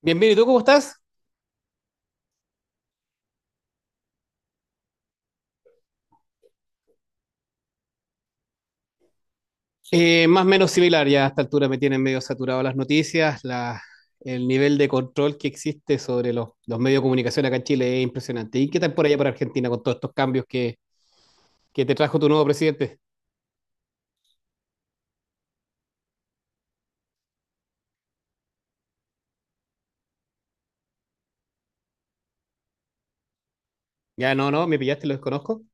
Bien, bien, ¿y tú cómo estás? Más o menos similar, ya a esta altura me tienen medio saturado las noticias, el nivel de control que existe sobre los medios de comunicación acá en Chile es impresionante. ¿Y qué tal por allá por Argentina con todos estos cambios que te trajo tu nuevo presidente? Ya, no, no, me pillaste, lo desconozco.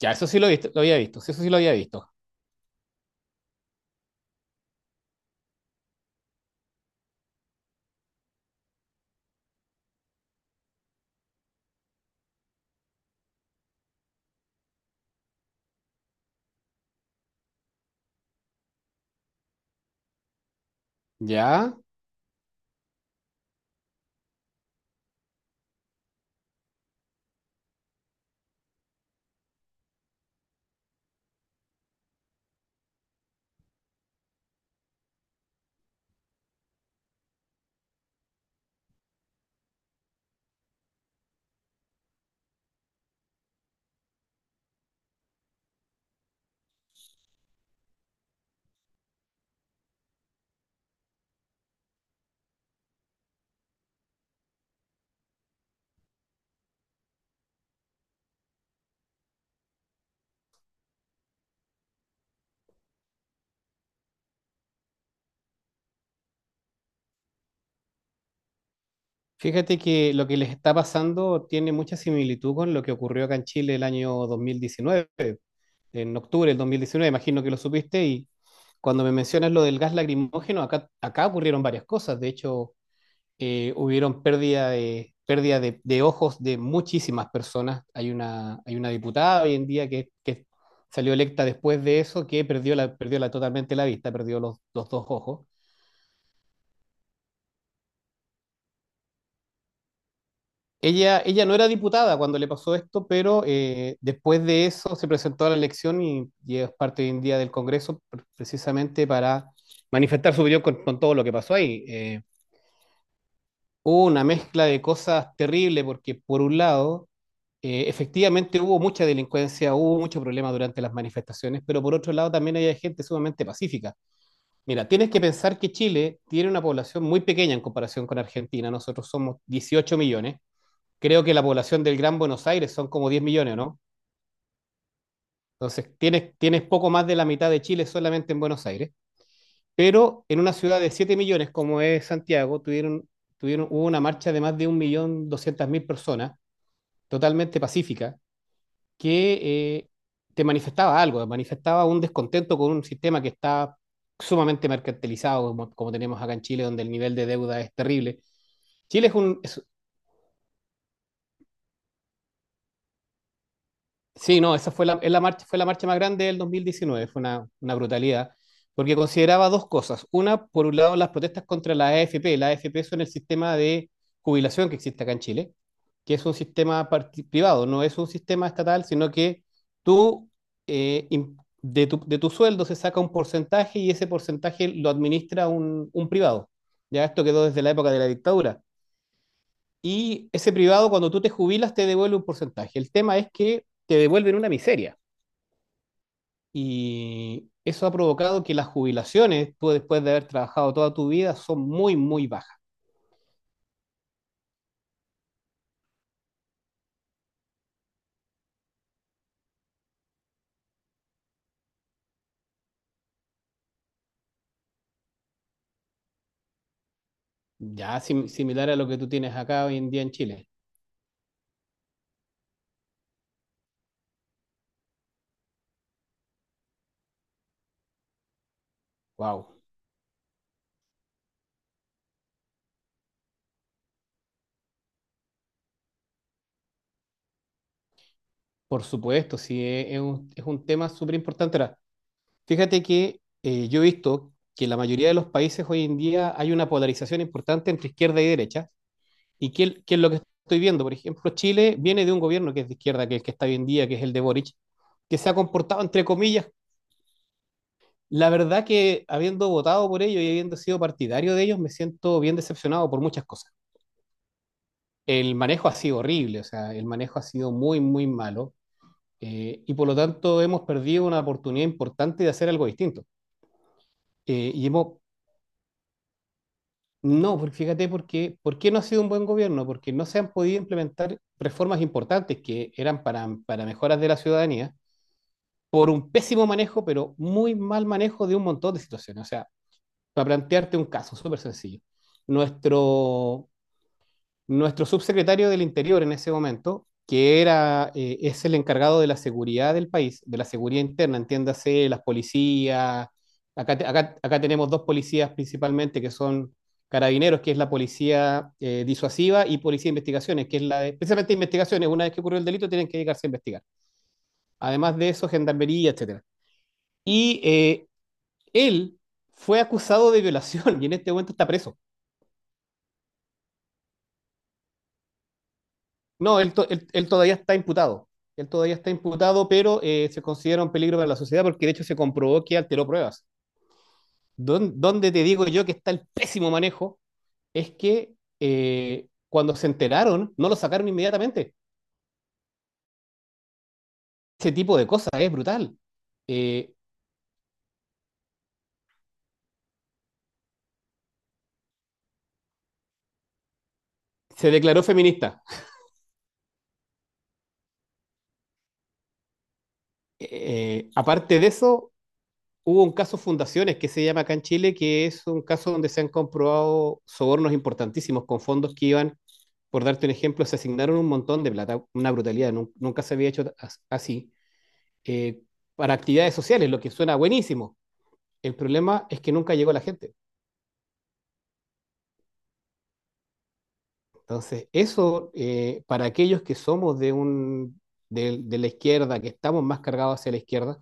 Ya, eso sí lo, lo había visto, sí, eso sí lo había visto. Ya, fíjate que lo que les está pasando tiene mucha similitud con lo que ocurrió acá en Chile el año 2019. En octubre del 2019, imagino que lo supiste, y cuando me mencionas lo del gas lacrimógeno, acá ocurrieron varias cosas. De hecho, hubieron pérdida de, de ojos de muchísimas personas. Hay una diputada hoy en día que salió electa después de eso, que perdió la, totalmente la vista, perdió los dos ojos. Ella no era diputada cuando le pasó esto, pero después de eso se presentó a la elección y es parte hoy en día del Congreso precisamente para manifestar su opinión con todo lo que pasó ahí. Hubo una mezcla de cosas terribles porque por un lado, efectivamente hubo mucha delincuencia, hubo mucho problema durante las manifestaciones, pero por otro lado también había gente sumamente pacífica. Mira, tienes que pensar que Chile tiene una población muy pequeña en comparación con Argentina, nosotros somos 18 millones, creo que la población del Gran Buenos Aires son como 10 millones, ¿no? Entonces, tienes poco más de la mitad de Chile solamente en Buenos Aires, pero en una ciudad de 7 millones como es Santiago, tuvieron, hubo una marcha de más de 1.200.000 personas, totalmente pacífica, que te manifestaba algo, manifestaba un descontento con un sistema que está sumamente mercantilizado, como tenemos acá en Chile, donde el nivel de deuda es terrible. Chile es un, es, Sí, no, es la marcha, fue la marcha más grande del 2019, fue una brutalidad, porque consideraba dos cosas. Una, por un lado, las protestas contra la AFP. La AFP son el sistema de jubilación que existe acá en Chile, que es un sistema privado, no es un sistema estatal, sino que tú, eh, im- de tu sueldo se saca un porcentaje y ese porcentaje lo administra un privado. Ya esto quedó desde la época de la dictadura. Y ese privado, cuando tú te jubilas, te devuelve un porcentaje. El tema es que te devuelven una miseria. Y eso ha provocado que las jubilaciones, tú después de haber trabajado toda tu vida, son muy, muy bajas. Ya similar a lo que tú tienes acá hoy en día en Chile. Wow. Por supuesto, sí, es un tema súper importante. Ahora, fíjate que yo he visto que en la mayoría de los países hoy en día hay una polarización importante entre izquierda y derecha. ¿Y qué es lo que estoy viendo? Por ejemplo, Chile viene de un gobierno que es de izquierda, que es el que está hoy en día, que es el de Boric, que se ha comportado, entre comillas. La verdad que habiendo votado por ellos y habiendo sido partidario de ellos, me siento bien decepcionado por muchas cosas. El manejo ha sido horrible, o sea, el manejo ha sido muy, muy malo, y por lo tanto hemos perdido una oportunidad importante de hacer algo distinto. Eh, y hemos, no, porque fíjate, porque, ¿por qué no ha sido un buen gobierno? Porque no se han podido implementar reformas importantes que eran para mejoras de la ciudadanía por un pésimo manejo, pero muy mal manejo de un montón de situaciones. O sea, para plantearte un caso súper sencillo. Nuestro, nuestro subsecretario del Interior en ese momento, es el encargado de la seguridad del país, de la seguridad interna, entiéndase, las policías. Acá, acá tenemos dos policías principalmente que son carabineros, que es la policía disuasiva, y policía de investigaciones, que es la de, precisamente investigaciones, una vez que ocurrió el delito tienen que dedicarse a investigar. Además de eso, gendarmería, etcétera. Y él fue acusado de violación y en este momento está preso. No, él todavía está imputado. Él todavía está imputado, pero se considera un peligro para la sociedad porque de hecho se comprobó que alteró pruebas. Donde te digo yo que está el pésimo manejo es que cuando se enteraron, no lo sacaron inmediatamente. Ese tipo de cosas es brutal. Eh, se declaró feminista. Aparte de eso, hubo un caso Fundaciones que se llama acá en Chile, que es un caso donde se han comprobado sobornos importantísimos con fondos que iban, por darte un ejemplo, se asignaron un montón de plata, una brutalidad, nunca se había hecho así, eh, para actividades sociales, lo que suena buenísimo. El problema es que nunca llegó la gente. Entonces, eso para aquellos que somos de la izquierda, que estamos más cargados hacia la izquierda,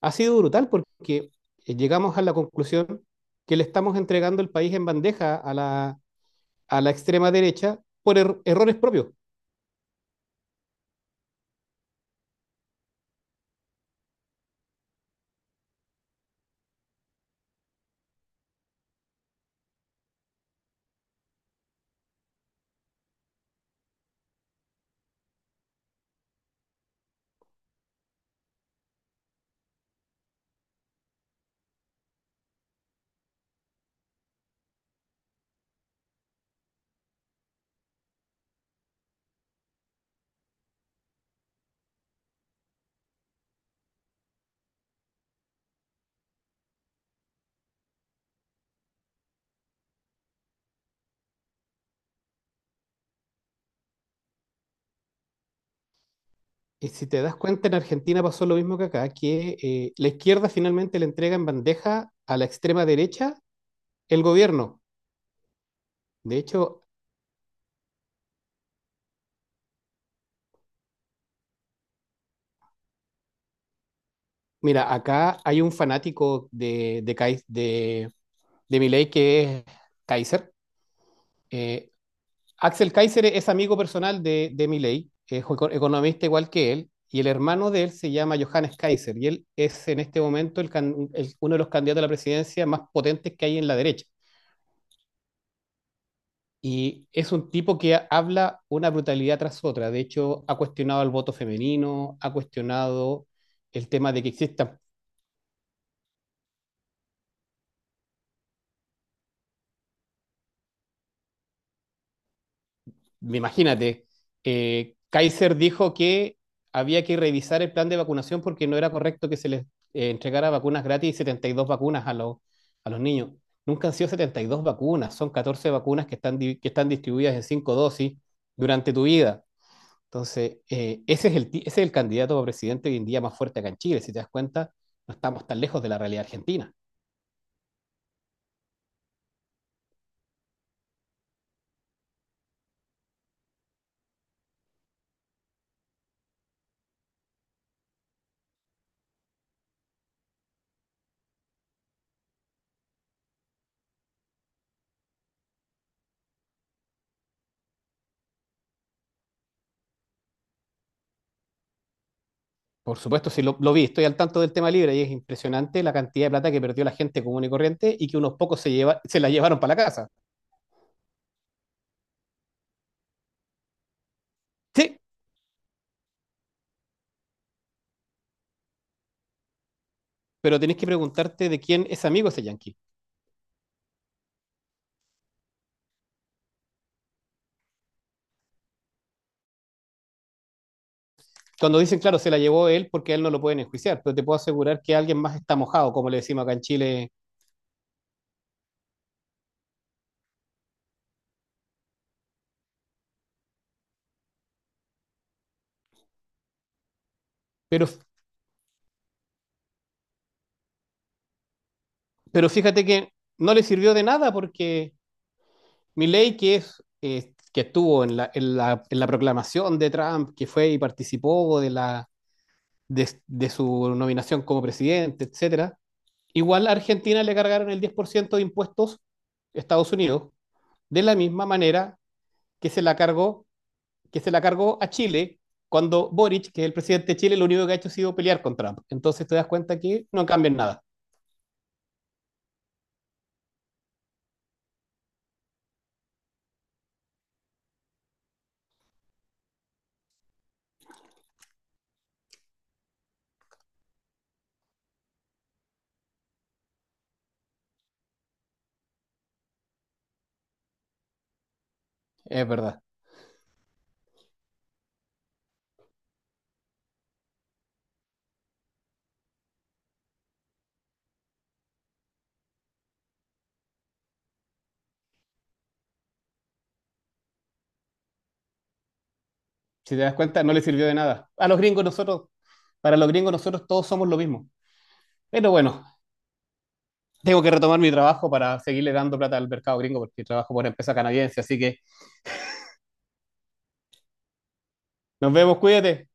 ha sido brutal porque llegamos a la conclusión que le estamos entregando el país en bandeja a la extrema derecha por errores propios. Y si te das cuenta, en Argentina pasó lo mismo que acá, que la izquierda finalmente le entrega en bandeja a la extrema derecha el gobierno. De hecho, mira, acá hay un fanático de Milei que es Kaiser. Eh, Axel Kaiser es amigo personal de Milei, es economista igual que él, y el hermano de él se llama Johannes Kaiser, y él es en este momento el uno de los candidatos a la presidencia más potentes que hay en la derecha. Y es un tipo que habla una brutalidad tras otra. De hecho, ha cuestionado el voto femenino, ha cuestionado el tema de que exista. Imagínate, Kaiser dijo que había que revisar el plan de vacunación porque no era correcto que se les entregara vacunas gratis y 72 vacunas a a los niños. Nunca han sido 72 vacunas, son 14 vacunas que están, que están distribuidas en 5 dosis durante tu vida. Entonces, es ese es el candidato a presidente hoy en día más fuerte acá en Chile. Si te das cuenta, no estamos tan lejos de la realidad argentina. Por supuesto, sí lo vi, estoy al tanto del tema libre y es impresionante la cantidad de plata que perdió la gente común y corriente y que unos pocos se la llevaron para la casa. Sí, pero tenés que preguntarte de quién es amigo ese yanqui. Cuando dicen, claro, se la llevó él porque a él no lo pueden enjuiciar, pero te puedo asegurar que alguien más está mojado, como le decimos acá en Chile. Pero, pero fíjate que no le sirvió de nada porque Milei, que estuvo en la proclamación de Trump, que fue y participó de su nominación como presidente, etcétera. Igual a Argentina le cargaron el 10% de impuestos Estados Unidos, de la misma manera que se la cargó, que se la cargó a Chile cuando Boric, que es el presidente de Chile, lo único que ha hecho ha sido pelear con Trump. Entonces te das cuenta que no cambian nada, es verdad. Si te das cuenta, no le sirvió de nada. A los gringos nosotros, para los gringos nosotros todos somos lo mismo. Pero bueno, tengo que retomar mi trabajo para seguirle dando plata al mercado gringo porque trabajo por empresa canadiense. Así que nos vemos, cuídate.